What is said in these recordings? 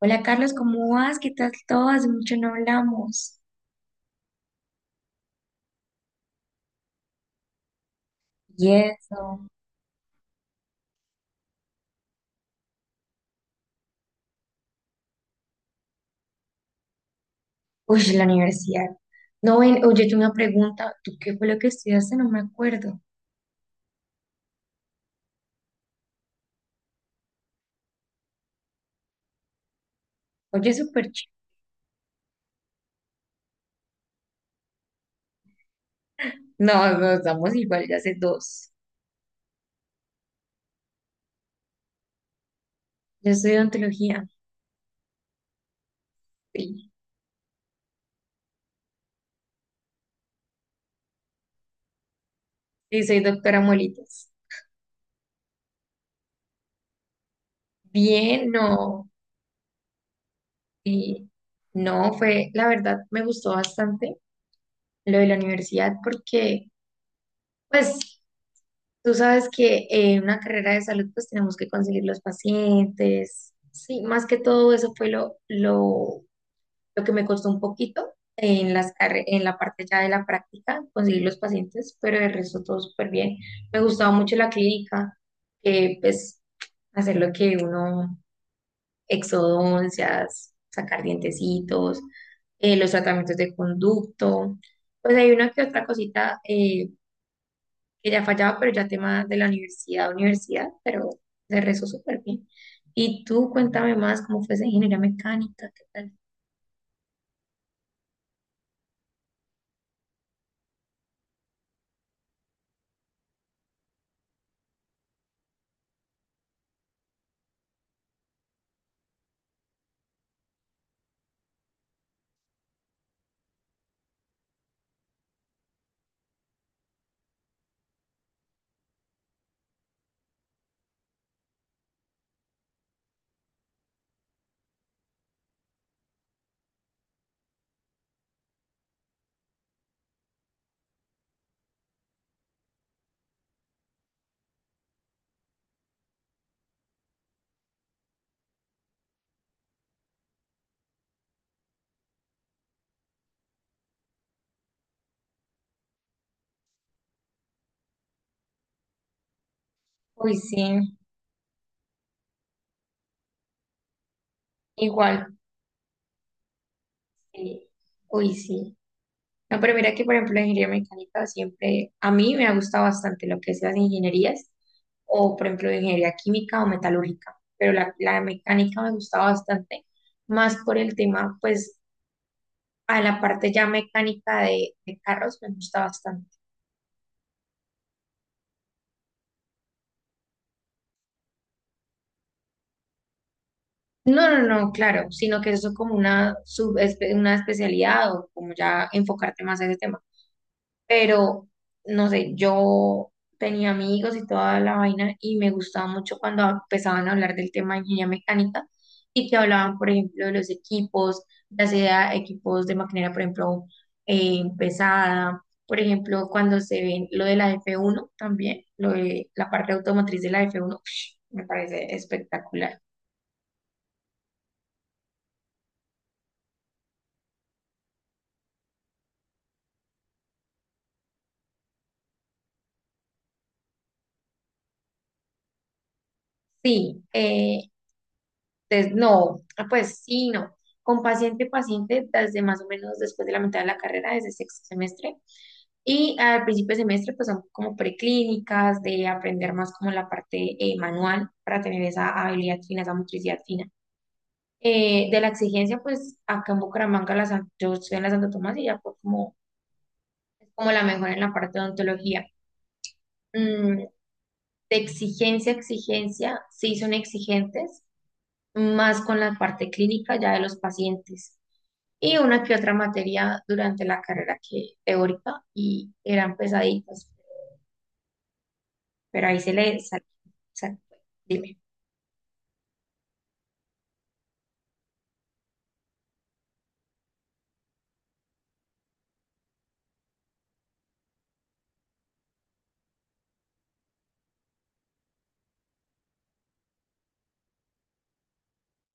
Hola Carlos, ¿cómo vas? ¿Qué tal todo? Hace mucho no hablamos. Y eso. Uy, la universidad. No, ven, oye, yo una pregunta. ¿Tú qué fue lo que estudiaste? No me acuerdo. Oye, súper chido. No, no, estamos igual, ya hace dos. Yo estudio ontología. Sí, sí, soy doctora Molitas. Bien, no. Sí. No, fue, la verdad, me gustó bastante lo de la universidad porque, pues, tú sabes que en una carrera de salud pues tenemos que conseguir los pacientes. Sí, más que todo eso fue lo que me costó un poquito en en la parte ya de la práctica, conseguir los pacientes, pero el resto todo súper bien. Me gustaba mucho la clínica, pues hacer lo que uno, exodoncias, sacar dientecitos, los tratamientos de conducto. Pues hay una que otra cosita que ya fallaba, pero ya tema de la universidad, pero de rezo súper bien. Y tú cuéntame más cómo fue esa ingeniería mecánica, qué tal. Uy, sí, igual, sí, uy, sí. No, pero mira que, por ejemplo, la ingeniería mecánica siempre, a mí me ha gustado bastante lo que es las ingenierías, o por ejemplo, ingeniería química o metalúrgica, pero la mecánica me gustaba bastante, más por el tema, pues, a la parte ya mecánica de carros me gusta bastante. No, no, no, claro, sino que eso es como una, una especialidad o como ya enfocarte más a ese tema. Pero, no sé, yo tenía amigos y toda la vaina y me gustaba mucho cuando empezaban a hablar del tema de ingeniería mecánica y que hablaban, por ejemplo, de los equipos, ya sea equipos de maquinaria, por ejemplo, pesada, por ejemplo, cuando se ven lo de la f uno también, lo de la parte automotriz de la f uno, me parece espectacular. Sí, entonces, no, ah, pues sí, no. Con paciente, paciente, desde más o menos después de la mitad de la carrera, desde sexto semestre. Y al principio de semestre, pues son como preclínicas, de aprender más como la parte manual para tener esa habilidad fina, esa motricidad fina. De la exigencia, pues acá en Bucaramanga, yo estoy en la Santo Tomás y ya fue como, como la mejor en la parte de odontología. Mm, de exigencia, exigencia, sí son exigentes, más con la parte clínica ya de los pacientes. Y una que otra materia durante la carrera que teórica y eran pesaditas, pero ahí se le salió. Exacto. Dime.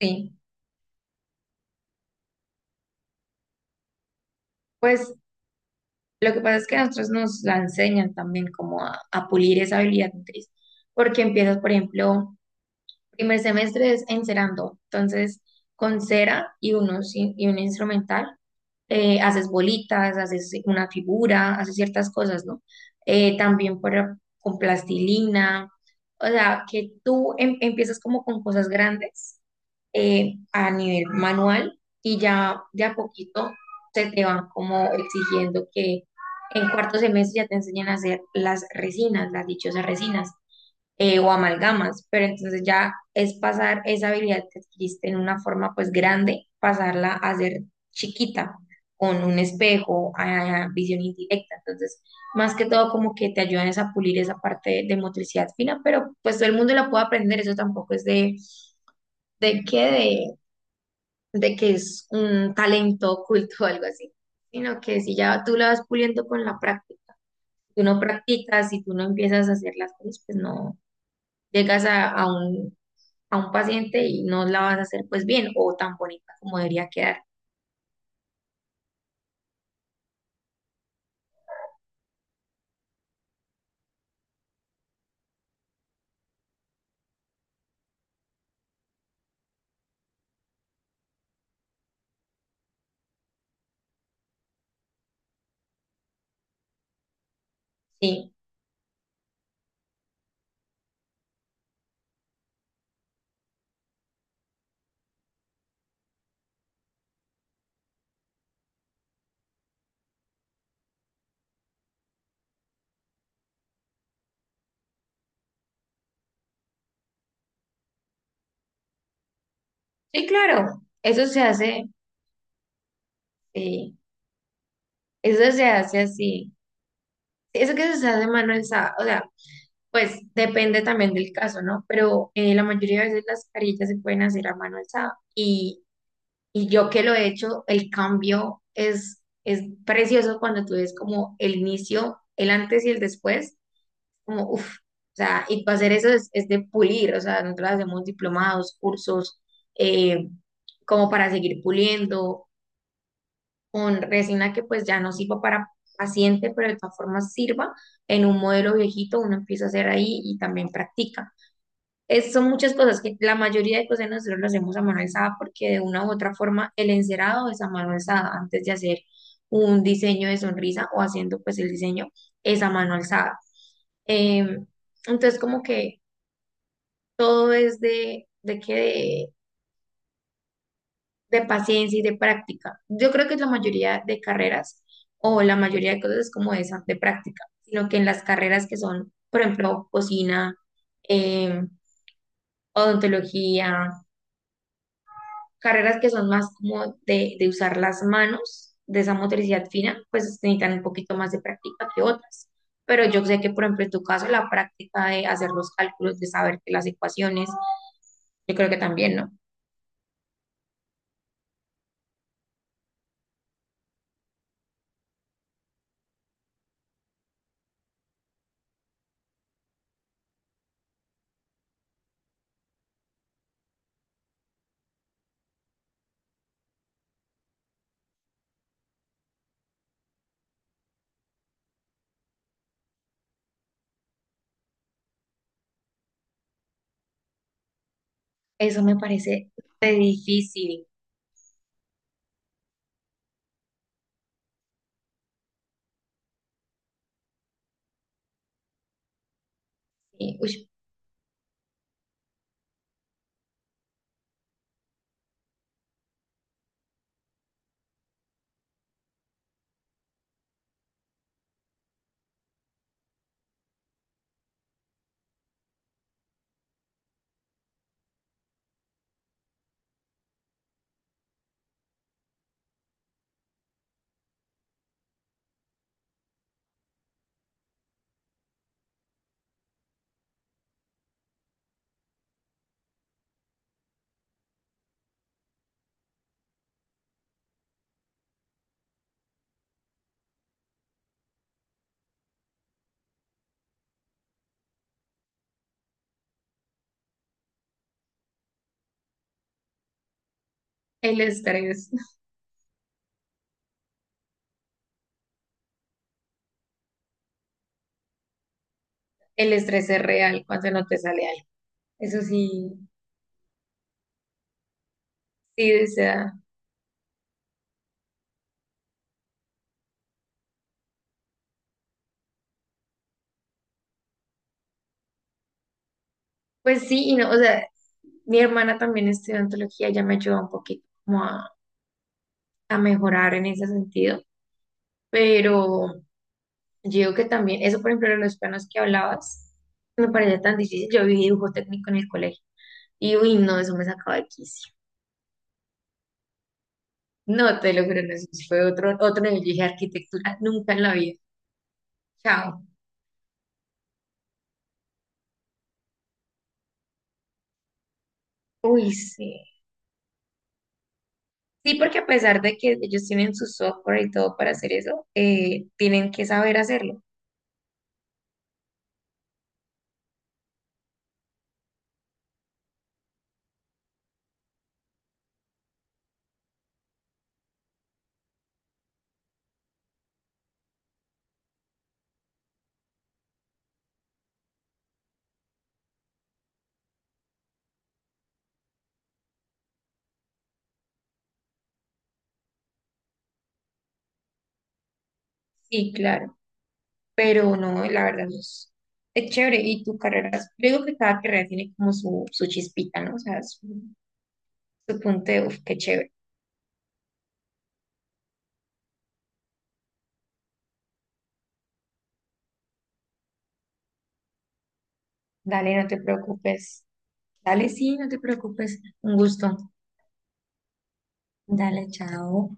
Sí. Pues lo que pasa es que a nosotros nos la enseñan también como a pulir esa habilidad motriz, porque empiezas, por ejemplo, primer semestre es encerando, entonces con cera y, unos, y un instrumental, haces bolitas, haces una figura, haces ciertas cosas, ¿no? También con plastilina, o sea, que tú empiezas como con cosas grandes a nivel manual y ya de a poquito se te van como exigiendo que en cuarto semestre ya te enseñen a hacer las resinas, las dichosas resinas, o amalgamas, pero entonces ya es pasar esa habilidad que adquiriste en una forma pues grande, pasarla a ser chiquita con un espejo, a visión indirecta. Entonces, más que todo como que te ayudan es a pulir esa parte de motricidad fina, pero pues todo el mundo la puede aprender, eso tampoco es de que de de que es un talento oculto o algo así, sino que si ya tú la vas puliendo con la práctica, si tú no practicas, si tú no empiezas a hacer las cosas, pues no llegas a un paciente y no la vas a hacer pues bien o tan bonita como debería quedar. Sí, sí, claro, eso se hace, eh, eso se hace así. Eso que se hace mano o sea, pues depende también del caso, ¿no? Pero la mayoría de veces las carillas se pueden hacer a mano alzada y yo que lo he hecho, el cambio es precioso cuando tú ves como el inicio, el antes y el después como, uff, o sea, y para hacer eso es de pulir, o sea, nosotros hacemos diplomados, cursos, eh, como para seguir puliendo, con resina que pues ya no sirva para paciente, pero de todas formas sirva en un modelo viejito, uno empieza a hacer ahí y también practica. Son muchas cosas que la mayoría de cosas nosotros lo hacemos a mano alzada porque de una u otra forma el encerado es a mano alzada antes de hacer un diseño de sonrisa o haciendo pues el diseño es a mano alzada. Em, entonces como que todo es de de paciencia y de práctica. Yo creo que la mayoría de carreras o la mayoría de cosas es como esa de práctica, sino que en las carreras que son, por ejemplo, cocina, em, odontología, carreras que son más como de usar las manos, de esa motricidad fina, pues necesitan un poquito más de práctica que otras. Pero yo sé que, por ejemplo, en tu caso, la práctica de hacer los cálculos, de saber que las ecuaciones, yo creo que también, ¿no? Eso me parece re difícil. Y, uy, el estrés, el estrés es real cuando no te sale algo. Eso sí, sí, o sea, pues sí, y no, o sea, mi hermana también estudió antología, ya me ayudó un poquito como a mejorar en ese sentido, pero yo digo que también, eso por ejemplo de los planos que hablabas, me parecía tan difícil. Yo vi dibujo técnico en el colegio y uy, no, eso me sacaba de quicio. No, te lo juro, no, eso sí fue otro, otro nivel. Yo dije arquitectura, nunca en la vida. Chao. Uy, sí. Sí, porque a pesar de que ellos tienen su software y todo para hacer eso, tienen que saber hacerlo. Sí, claro, pero no, la verdad no es, es chévere. Y tu carrera, yo digo que cada carrera tiene como su chispita, ¿no? O sea, su punto de, uf, qué chévere. Dale, no te preocupes. Dale, sí, no te preocupes. Un gusto. Dale, chao.